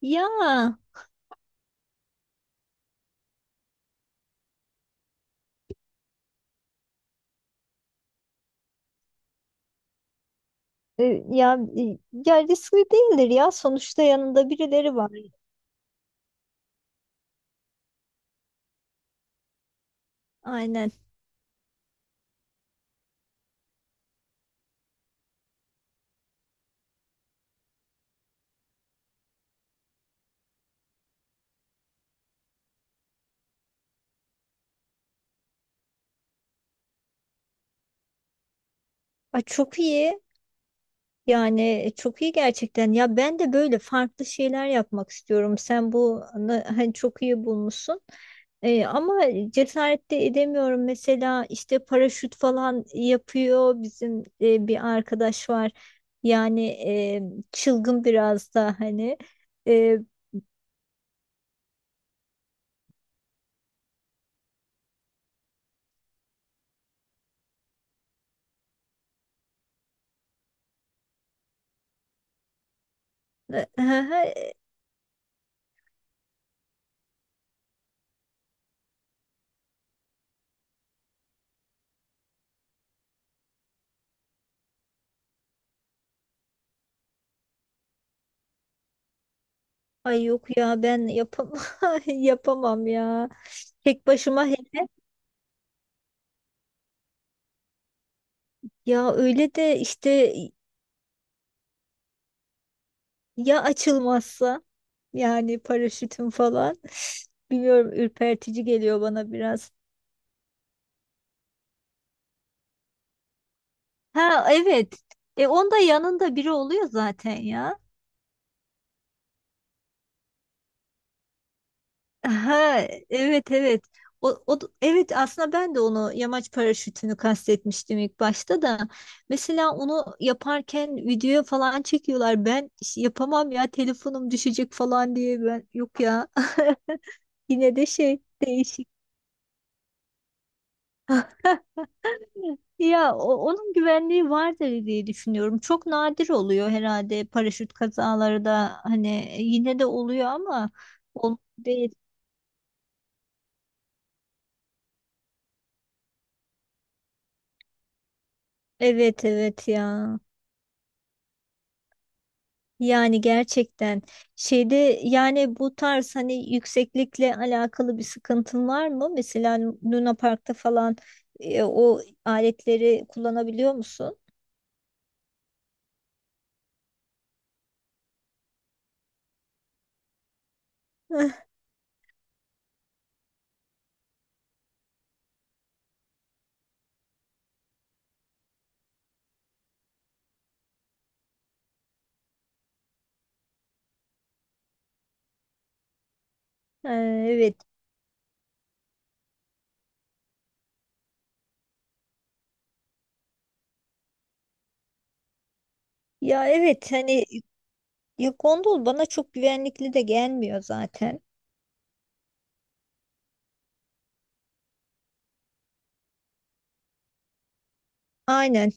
Ya e, ya ya riskli değildir, ya sonuçta yanında birileri var. Aynen. Ay, çok iyi. Yani çok iyi gerçekten. Ya ben de böyle farklı şeyler yapmak istiyorum. Sen bu hani çok iyi bulmuşsun. Ama cesaret de edemiyorum. Mesela işte paraşüt falan yapıyor bizim bir arkadaş var. Yani çılgın biraz da hani. E, Ay, yok ya ben yapamam, yapamam ya. Tek başıma ya öyle de işte, ya açılmazsa yani paraşütüm falan, bilmiyorum, ürpertici geliyor bana biraz. Ha, evet. Onda yanında biri oluyor zaten ya. Ha, evet, evet. Evet, aslında ben de onu yamaç paraşütünü kastetmiştim ilk başta da. Mesela onu yaparken videoya falan çekiyorlar. Ben işte yapamam ya, telefonum düşecek falan diye, ben yok ya. Yine de şey değişik. Ya onun güvenliği vardır diye düşünüyorum. Çok nadir oluyor herhalde paraşüt kazaları da, hani yine de oluyor ama o değil. Evet, evet ya. Yani gerçekten, şeyde, yani bu tarz, hani yükseklikle alakalı bir sıkıntın var mı? Mesela Luna Park'ta falan o aletleri kullanabiliyor musun? Ee, Evet. Ya evet hani, ya gondol bana çok güvenlikli de gelmiyor zaten. Aynen.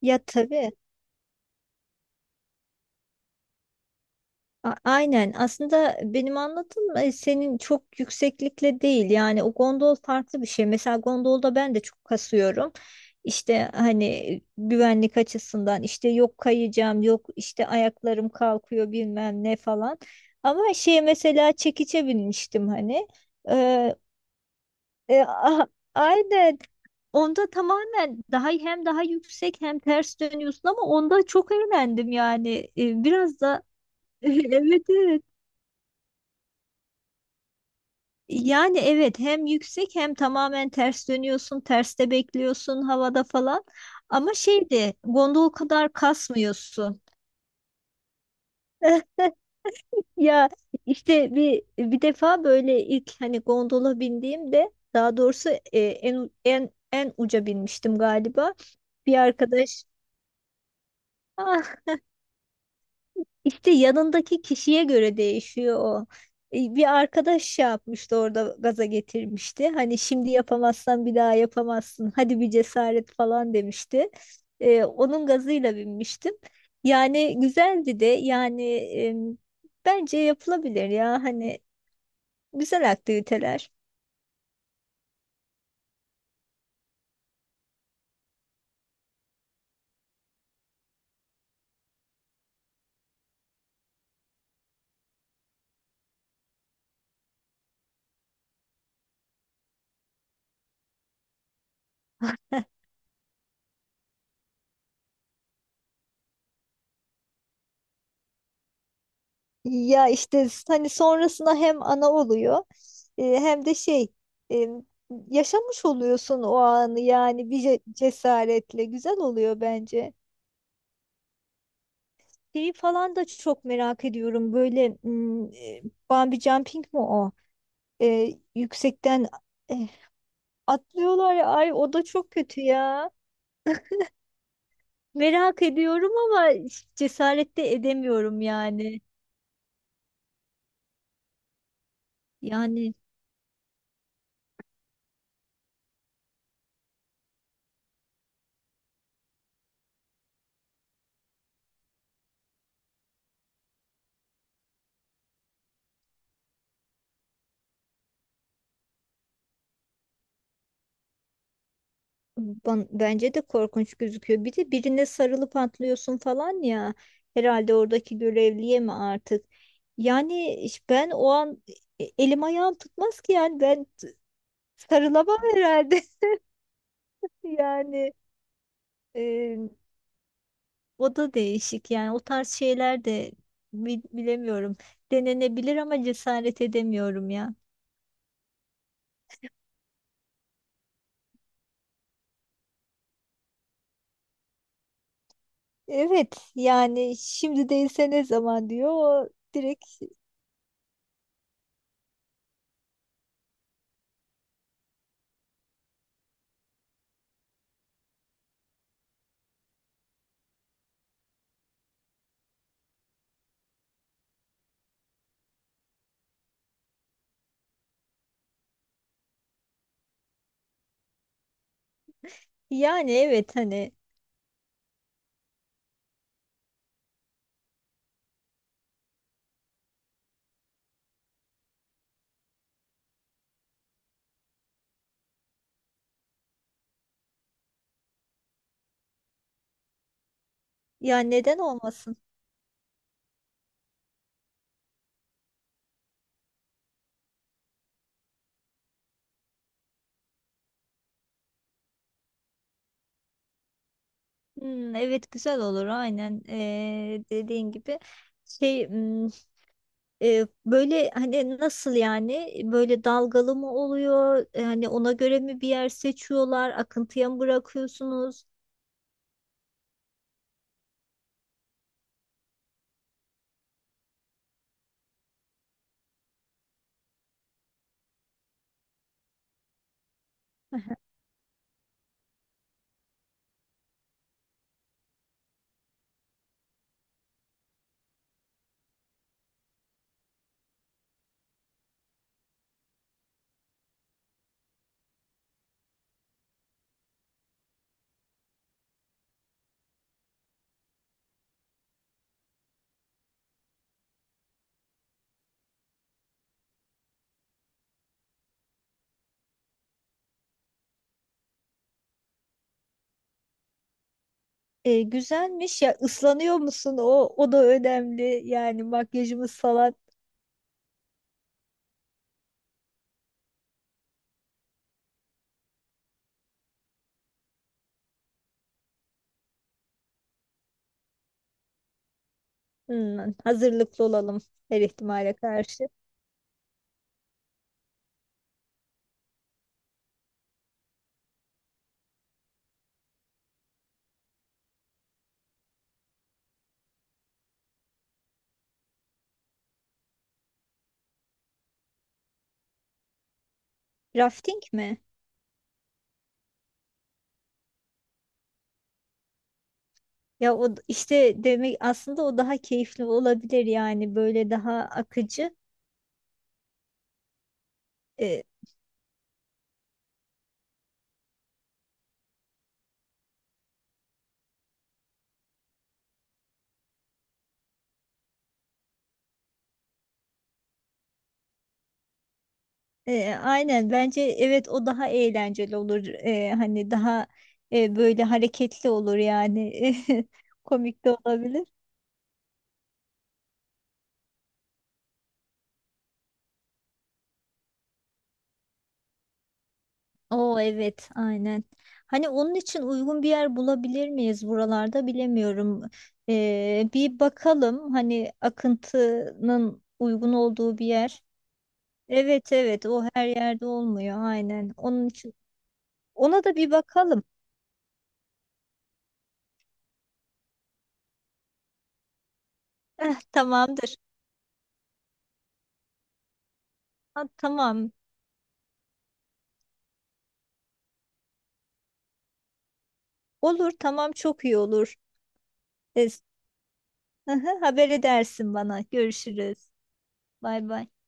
Ya, tabii. Aynen. Aslında benim anlattığım senin çok yükseklikle değil. Yani o gondol farklı bir şey. Mesela gondolda ben de çok kasıyorum. İşte hani, güvenlik açısından, işte yok kayacağım, yok işte ayaklarım kalkıyor bilmem ne falan. Ama şey, mesela çekiçe binmiştim hani. Ee, e, a- aynen. Onda tamamen daha, hem daha yüksek hem ters dönüyorsun, ama onda çok eğlendim yani. Biraz da evet, evet. Yani evet, hem yüksek hem tamamen ters dönüyorsun, terste bekliyorsun havada falan. Ama şeydi, gondol kadar kasmıyorsun. Ya işte bir defa böyle ilk hani gondola bindiğimde, daha doğrusu e, en u- en en uca binmiştim galiba. Bir arkadaş İşte yanındaki kişiye göre değişiyor o. Bir arkadaş şey yapmıştı orada, gaza getirmişti. Hani şimdi yapamazsan bir daha yapamazsın, hadi bir cesaret falan demişti. Onun gazıyla binmiştim. Yani güzeldi de, yani bence yapılabilir ya, hani güzel aktiviteler. Ya işte hani sonrasında hem ana oluyor, hem de şey, e, yaşamış oluyorsun o anı, yani bir cesaretle güzel oluyor bence. Şeyi falan da çok merak ediyorum, böyle bungee jumping mi o? E, yüksekten e, atlıyorlar ya, ay o da çok kötü ya. Merak ediyorum ama cesaret de edemiyorum yani. Yani. Bence de korkunç gözüküyor. Bir de birine sarılıp atlıyorsun falan ya. Herhalde oradaki görevliye mi artık? Yani ben o an elim ayağım tutmaz ki yani, ben sarılamam herhalde. Yani e, o da değişik, yani o tarz şeyler de bilemiyorum. Denenebilir ama cesaret edemiyorum ya. Evet yani, şimdi değilse ne zaman, diyor o direkt. Yani evet hani, ya neden olmasın? Hmm, evet güzel olur, aynen. Dediğin gibi şey, böyle, hani nasıl yani, böyle dalgalı mı oluyor yani, ona göre mi bir yer seçiyorlar, akıntıya mı bırakıyorsunuz? Güzelmiş ya, ıslanıyor musun, o da önemli yani, makyajımız falan. Hmm, hazırlıklı olalım, her ihtimale karşı. Rafting mi? Ya o işte demek, aslında o daha keyifli olabilir yani, böyle daha akıcı. Aynen bence, evet o daha eğlenceli olur. Hani daha böyle hareketli olur yani. Komik de olabilir. Oo evet, aynen. Hani onun için uygun bir yer bulabilir miyiz buralarda bilemiyorum. Bir bakalım, hani akıntının uygun olduğu bir yer. Evet, evet o her yerde olmuyor, aynen. Onun için ona da bir bakalım. Eh, tamamdır. Ha, tamam. Olur, tamam çok iyi olur. E, Hı hı, haber edersin bana. Görüşürüz. Bay bay.